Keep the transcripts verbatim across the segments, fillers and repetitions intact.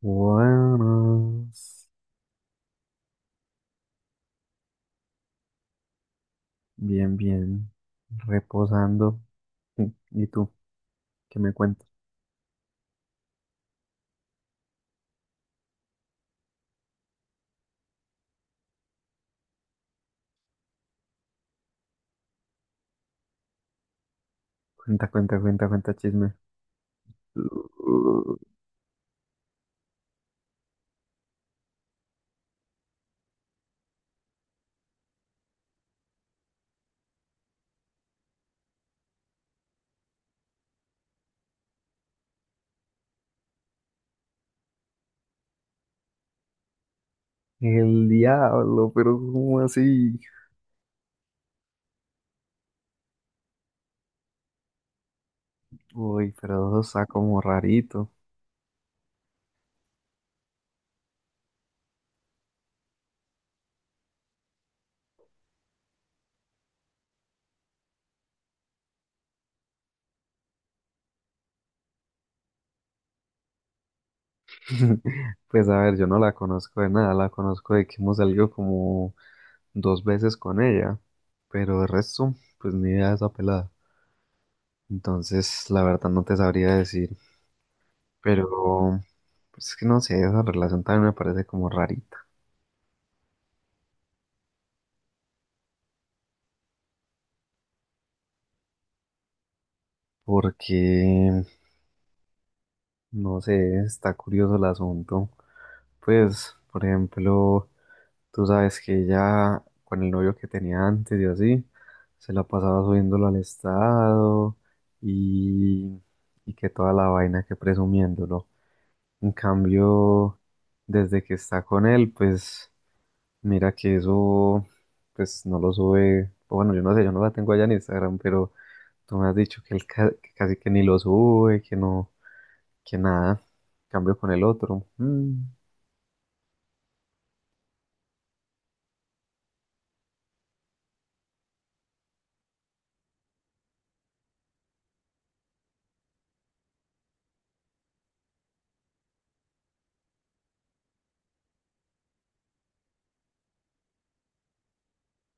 Buenas. Bien, bien. Reposando. ¿Y tú? ¿Qué me cuentas? Cuenta, cuenta, cuenta, cuenta chisme. Uh, El diablo, pero ¿cómo así? Uy, pero eso está como rarito. Pues a ver, yo no la conozco de nada, la conozco de que hemos salido como dos veces con ella, pero de resto, pues ni idea de esa pelada. Entonces, la verdad no te sabría decir, pero pues es que no sé, esa relación también me parece como rarita. Porque no sé, está curioso el asunto. Pues, por ejemplo, tú sabes que ella, con el novio que tenía antes y así, se la pasaba subiéndolo al estado y, y que toda la vaina que presumiéndolo. En cambio, desde que está con él, pues mira que eso, pues no lo sube. O bueno, yo no sé, yo no la tengo allá en Instagram, pero tú me has dicho que él ca- que casi que ni lo sube, que no, que nada, cambio con el otro. Mm,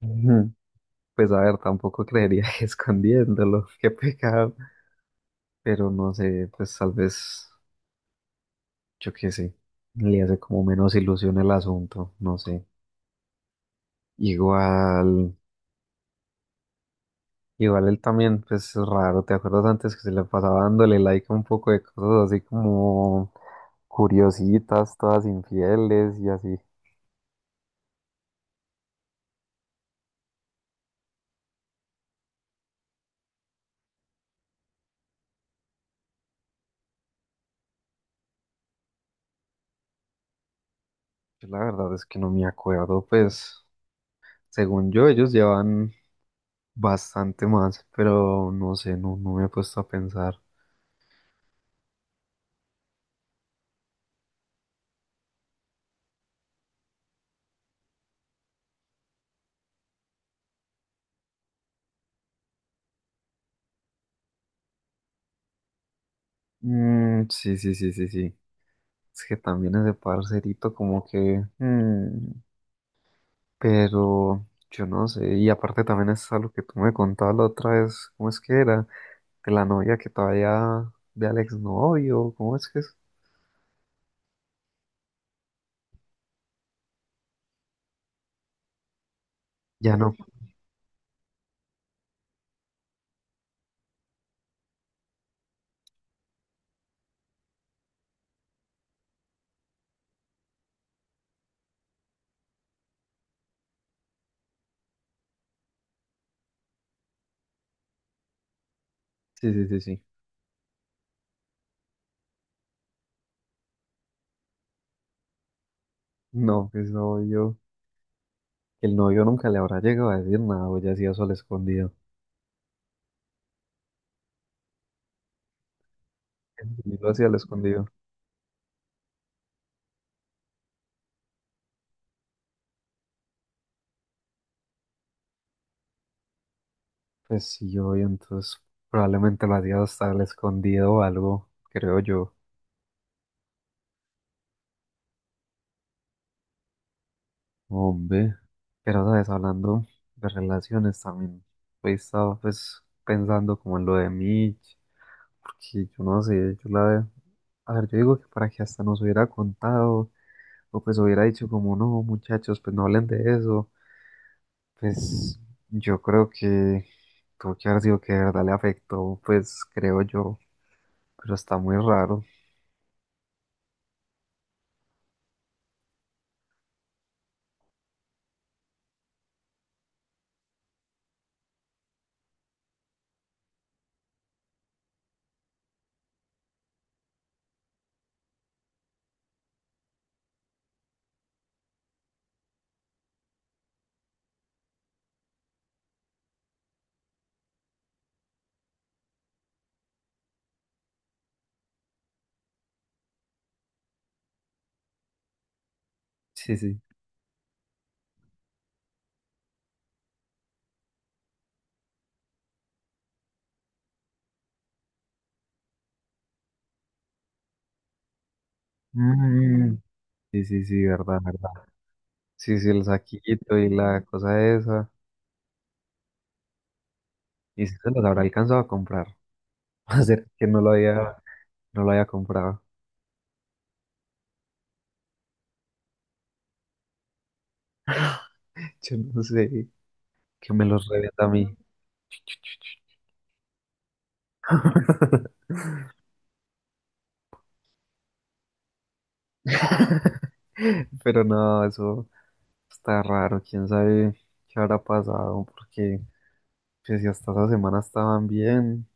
ujú. Pues a ver, tampoco creería que escondiéndolo, qué pecado. Pero no sé, pues tal vez, yo qué sé, le hace como menos ilusión el asunto, no sé. Igual, igual él también, pues es raro, ¿te acuerdas antes que se le pasaba dándole like a un poco de cosas así como curiositas, todas infieles y así? Yo la verdad es que no me acuerdo, pues según yo ellos llevan bastante más, pero no sé, no, no me he puesto a pensar. Mm, sí, sí, sí, sí, sí. Es que también ese parcerito como que... mm, pero yo no sé. Y aparte también es algo que tú me contabas la otra vez. ¿Cómo es que era? De la novia que todavía... De Alex novio. ¿Cómo es que es? Ya no. Sí, sí, sí, sí. No, que es novio. El novio nunca le habrá llegado a decir nada o ya hacía eso al escondido. Él lo hacía al escondido. Pues sí, obvio, entonces probablemente lo hacía hasta el escondido o algo, creo yo. Hombre, pero, ¿sabes? Hablando de relaciones también, he estado pues pensando como en lo de Mitch, porque yo no sé, yo la... veo. A ver, yo digo que para que hasta nos hubiera contado, o pues hubiera dicho como, no, muchachos, pues no hablen de eso, pues yo creo que tuvo que haber sido que de verdad le afectó, pues creo yo, pero está muy raro. Sí, sí. Mm, sí, sí, sí, verdad, verdad. Sí, sí, el saquito y la cosa esa. Y si se los habrá alcanzado a comprar. Va a ser que no lo había, no lo haya comprado. Yo no sé, que me los revienta a mí. Pero no, eso está raro. Quién sabe qué habrá pasado. Porque pues, si hasta esa semana estaban bien.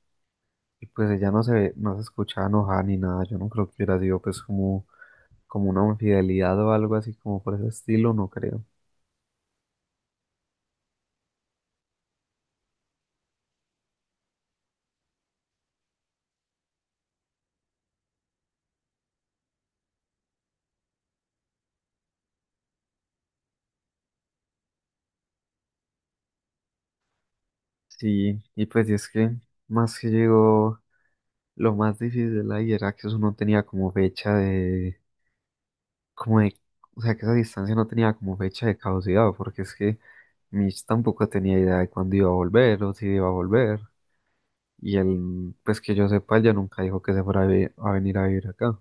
Y pues ella no se ve, no se escuchaba enojada ni nada. Yo no creo que hubiera sido pues como, como una infidelidad o algo así como por ese estilo, no creo. Sí, y pues y es que más que llegó, lo más difícil ahí era que eso no tenía como fecha de, como de, o sea, que esa distancia no tenía como fecha de caducidad, porque es que Mitch tampoco tenía idea de cuándo iba a volver o si iba a volver, y él, pues que yo sepa, él ya nunca dijo que se fuera a vi- a venir a vivir acá.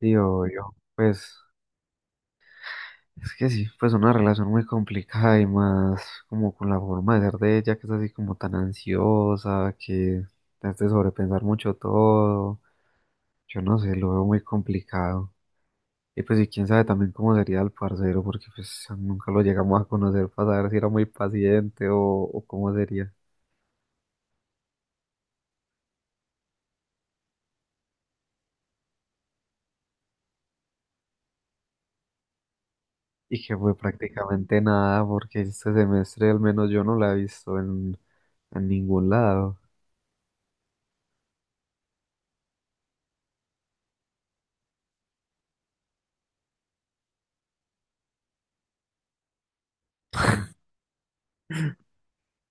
Y yo, pues es que sí, pues una relación muy complicada y más como con la forma de ser de ella, que es así como tan ansiosa, que te hace sobrepensar mucho todo. Yo no sé, lo veo muy complicado. Y pues y quién sabe también cómo sería el parcero, porque pues nunca lo llegamos a conocer para saber si era muy paciente o, o cómo sería. Y que fue prácticamente nada, porque este semestre al menos yo no la he visto en, en ningún lado.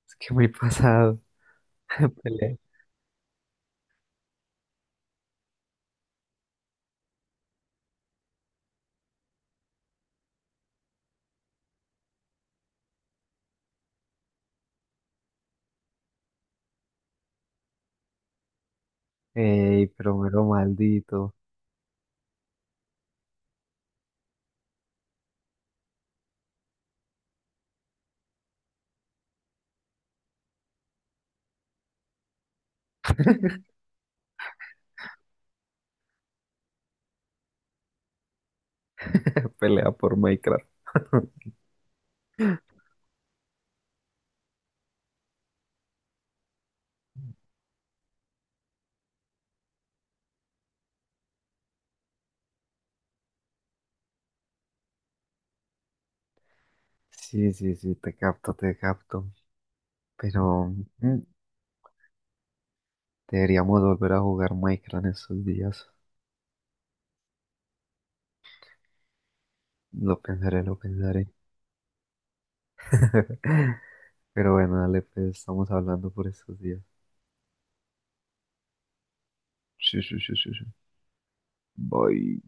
Es que muy pasado. Pelea. Ey, pero mero maldito. Pelea por Minecraft. Sí, sí, sí, te capto, te capto. Pero mm, deberíamos volver a jugar Minecraft en estos días. Lo pensaré, lo pensaré. Pero bueno, dale, pues estamos hablando por estos días. Sí, sí, sí, sí, sí. Bye.